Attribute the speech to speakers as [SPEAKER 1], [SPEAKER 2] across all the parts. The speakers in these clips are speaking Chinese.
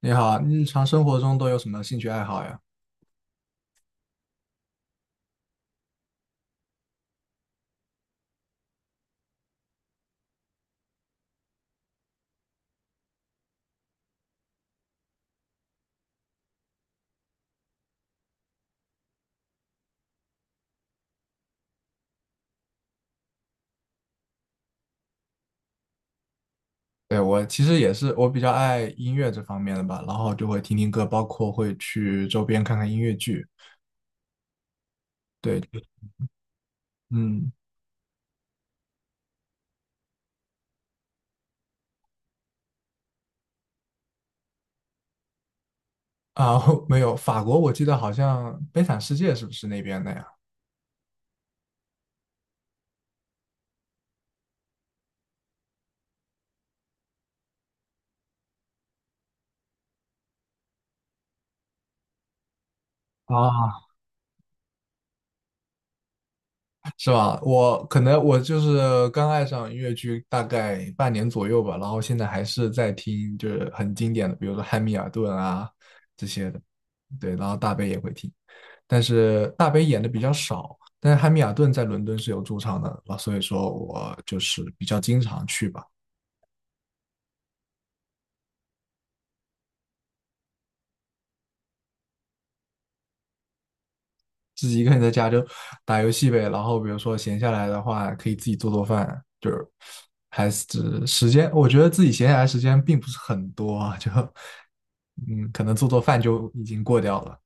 [SPEAKER 1] 你好，日常生活中都有什么兴趣爱好呀？对，我其实也是，我比较爱音乐这方面的吧，然后就会听听歌，包括会去周边看看音乐剧。对，就嗯，啊，没有，法国我记得好像《悲惨世界》是不是那边的呀？啊，是吧？我可能我就是刚爱上音乐剧大概半年左右吧，然后现在还是在听，就是很经典的，比如说《汉密尔顿》啊这些的。对，然后大悲也会听。但是大杯演的比较少，但是汉密尔顿在伦敦是有驻场的，啊，所以说我就是比较经常去吧，自己一个人在家就打游戏呗，然后比如说闲下来的话，可以自己做做饭，就是还是时间，我觉得自己闲下来时间并不是很多啊，就 嗯，可能做做饭就已经过掉了。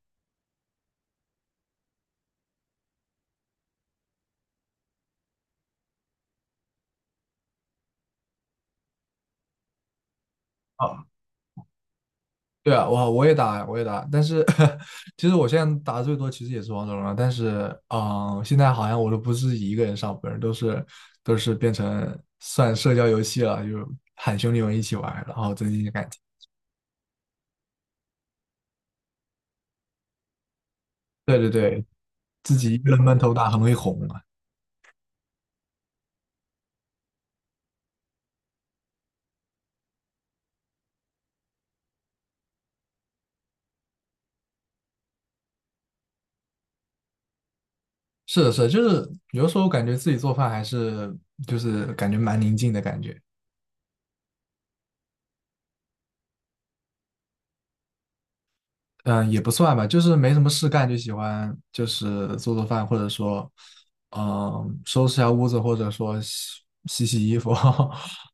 [SPEAKER 1] 啊。对啊，我也打我也打，但是 其实我现在打的最多其实也是王者荣耀，但是现在好像我都不是一个人上分都是变成算社交游戏了，就喊兄弟们一起玩然后增进感情。对对对，自己一个人闷头打很容易红啊。是的，是的，就是有时候感觉自己做饭还是就是感觉蛮宁静的感觉。嗯，也不算吧，就是没什么事干，就喜欢就是做做饭，或者说，嗯，收拾下屋子，或者说洗洗衣服。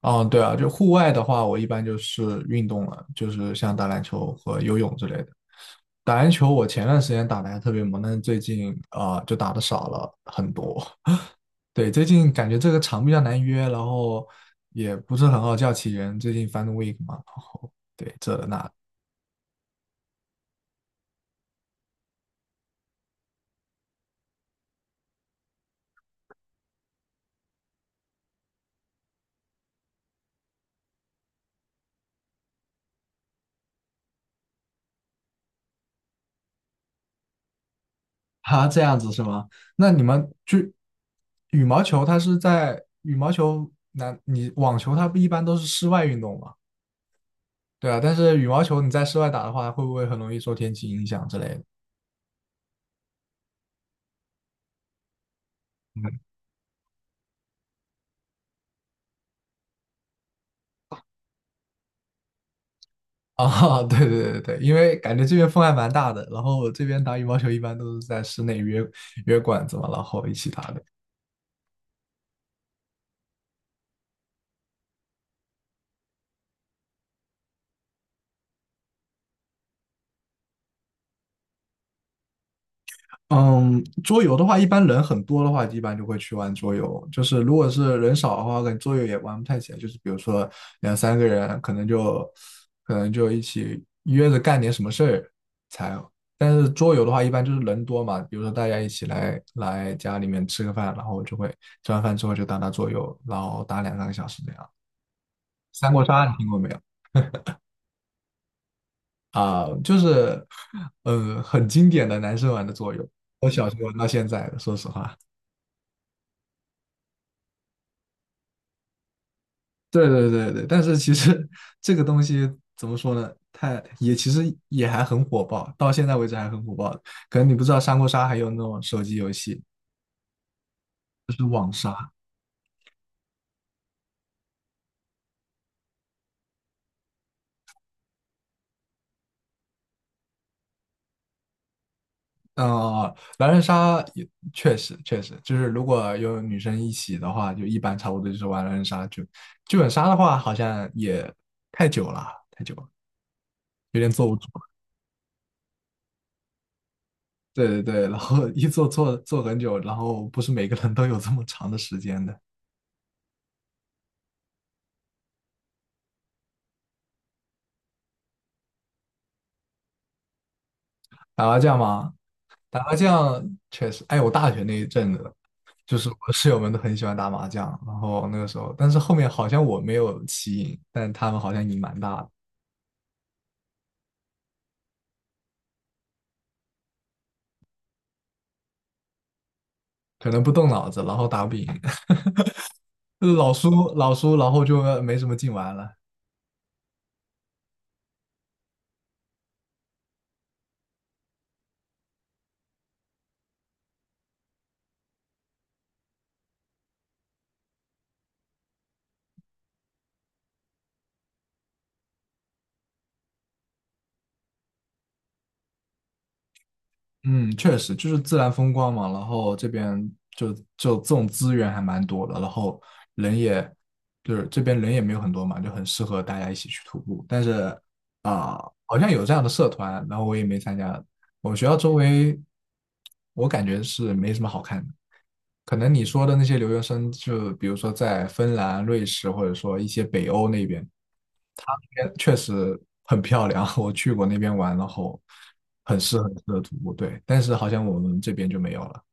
[SPEAKER 1] 嗯，对啊，就户外的话，我一般就是运动了，就是像打篮球和游泳之类的。打篮球我前段时间打的还特别猛，但是最近啊，就打的少了很多。对，最近感觉这个场比较难约，然后也不是很好叫起人。最近 FIN Week 嘛，对，这那。哈，这样子是吗？那你们就羽毛球，它是在羽毛球，那你网球它不一般都是室外运动嘛？对啊，但是羽毛球你在室外打的话，会不会很容易受天气影响之类的？嗯，啊，对对对对，因为感觉这边风还蛮大的，然后这边打羽毛球一般都是在室内约约馆子嘛，然后一起打的。嗯，桌游的话，一般人很多的话，一般就会去玩桌游。就是如果是人少的话，可能桌游也玩不太起来。就是比如说两三个人，可能就一起约着干点什么事儿才。但是桌游的话，一般就是人多嘛，比如说大家一起来家里面吃个饭，然后就会吃完饭之后就打打桌游，然后打两三个小时这样。三国杀你听过没有？就是很经典的男生玩的桌游，我小时候玩到现在的说实话。对对对对，但是其实 这个东西怎么说呢？太也其实也还很火爆，到现在为止还很火爆。可能你不知道三国杀还有那种手机游戏，就是网杀。呃，狼人杀也确实确实，就是如果有女生一起的话，就一般差不多就是玩狼人杀。剧本杀的话，好像也太久了，太久了，有点坐不住。对对对，然后 一坐坐很久，然后不是每个人都有这么长的时间的。打麻将吗？打麻将确实，哎，我大学那一阵子，就是我室友们都很喜欢打麻将，然后那个时候，但是后面好像我没有棋瘾，但他们好像瘾蛮大的，可能不动脑子，然后打不赢，老输老输，然后就没什么劲玩了。嗯，确实就是自然风光嘛，然后这边就就这种资源还蛮多的，然后人也就是这边人也没有很多嘛，就很适合大家一起去徒步。但是啊、好像有这样的社团，然后我也没参加。我们学校周围，我感觉是没什么好看的。可能你说的那些留学生，就比如说在芬兰、瑞士，或者说一些北欧那边，他那边确实很漂亮。我去过那边玩，然后很适合很适合徒步，对。但是好像我们这边就没有了。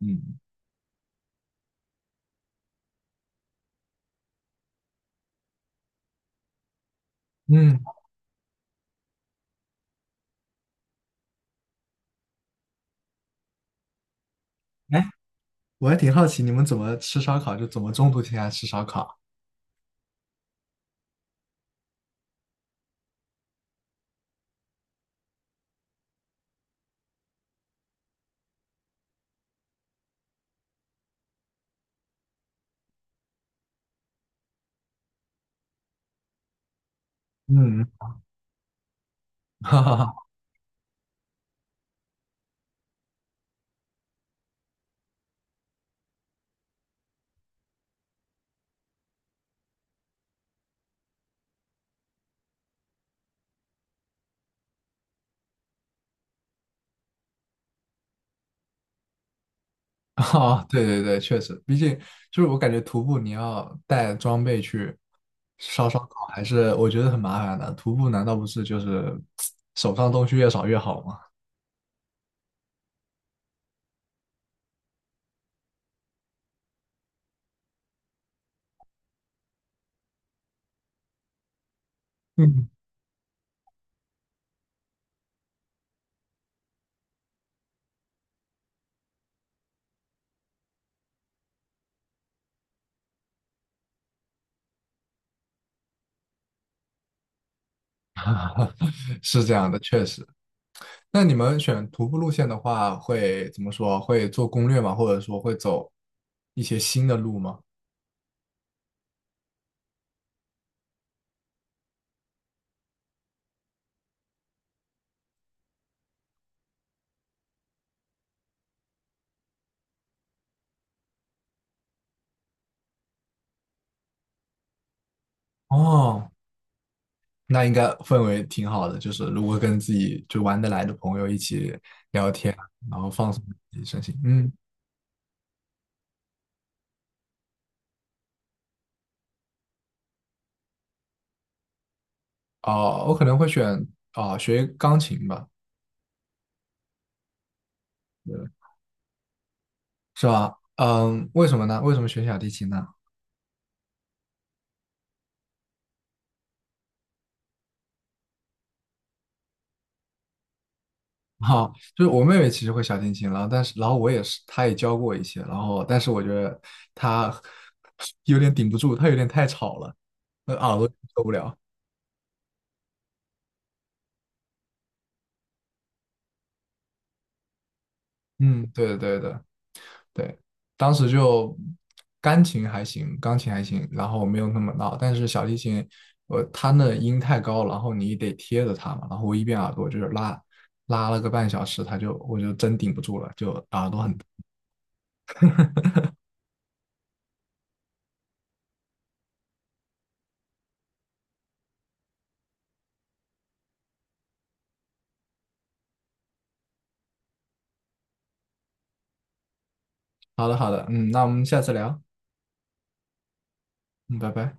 [SPEAKER 1] 嗯嗯，哎，我还挺好奇你们怎么吃烧烤，就怎么中途停下来吃烧烤。嗯，哈哈哈。哦，对对对，确实，毕竟就是我感觉徒步你要带装备去烧烤，还是我觉得很麻烦的。徒步难道不是就是手上东西越少越好吗？嗯，是这样的，确实。那你们选徒步路线的话，会怎么说？会做攻略吗？或者说会走一些新的路吗？哦，那应该氛围挺好的，就是如果跟自己就玩得来的朋友一起聊天，然后放松自己身心，嗯。哦，我可能会选学钢琴吧，对是吧？嗯，为什么呢？为什么选小提琴呢？哈、就是我妹妹其实会小提琴，然后但是然后我也是，她也教过我一些，然后但是我觉得她 有点顶不住，她有点太吵了，那耳朵受不了。嗯，对对对，对，当时就钢琴还行，钢琴还行，然后没有那么闹，但是小提琴，我它那音太高，然后你得贴着它嘛，然后我一边耳朵就是拉了个半小时，它就我就真顶不住了，就耳朵很好的好的，嗯，那我们下次聊，嗯，拜拜。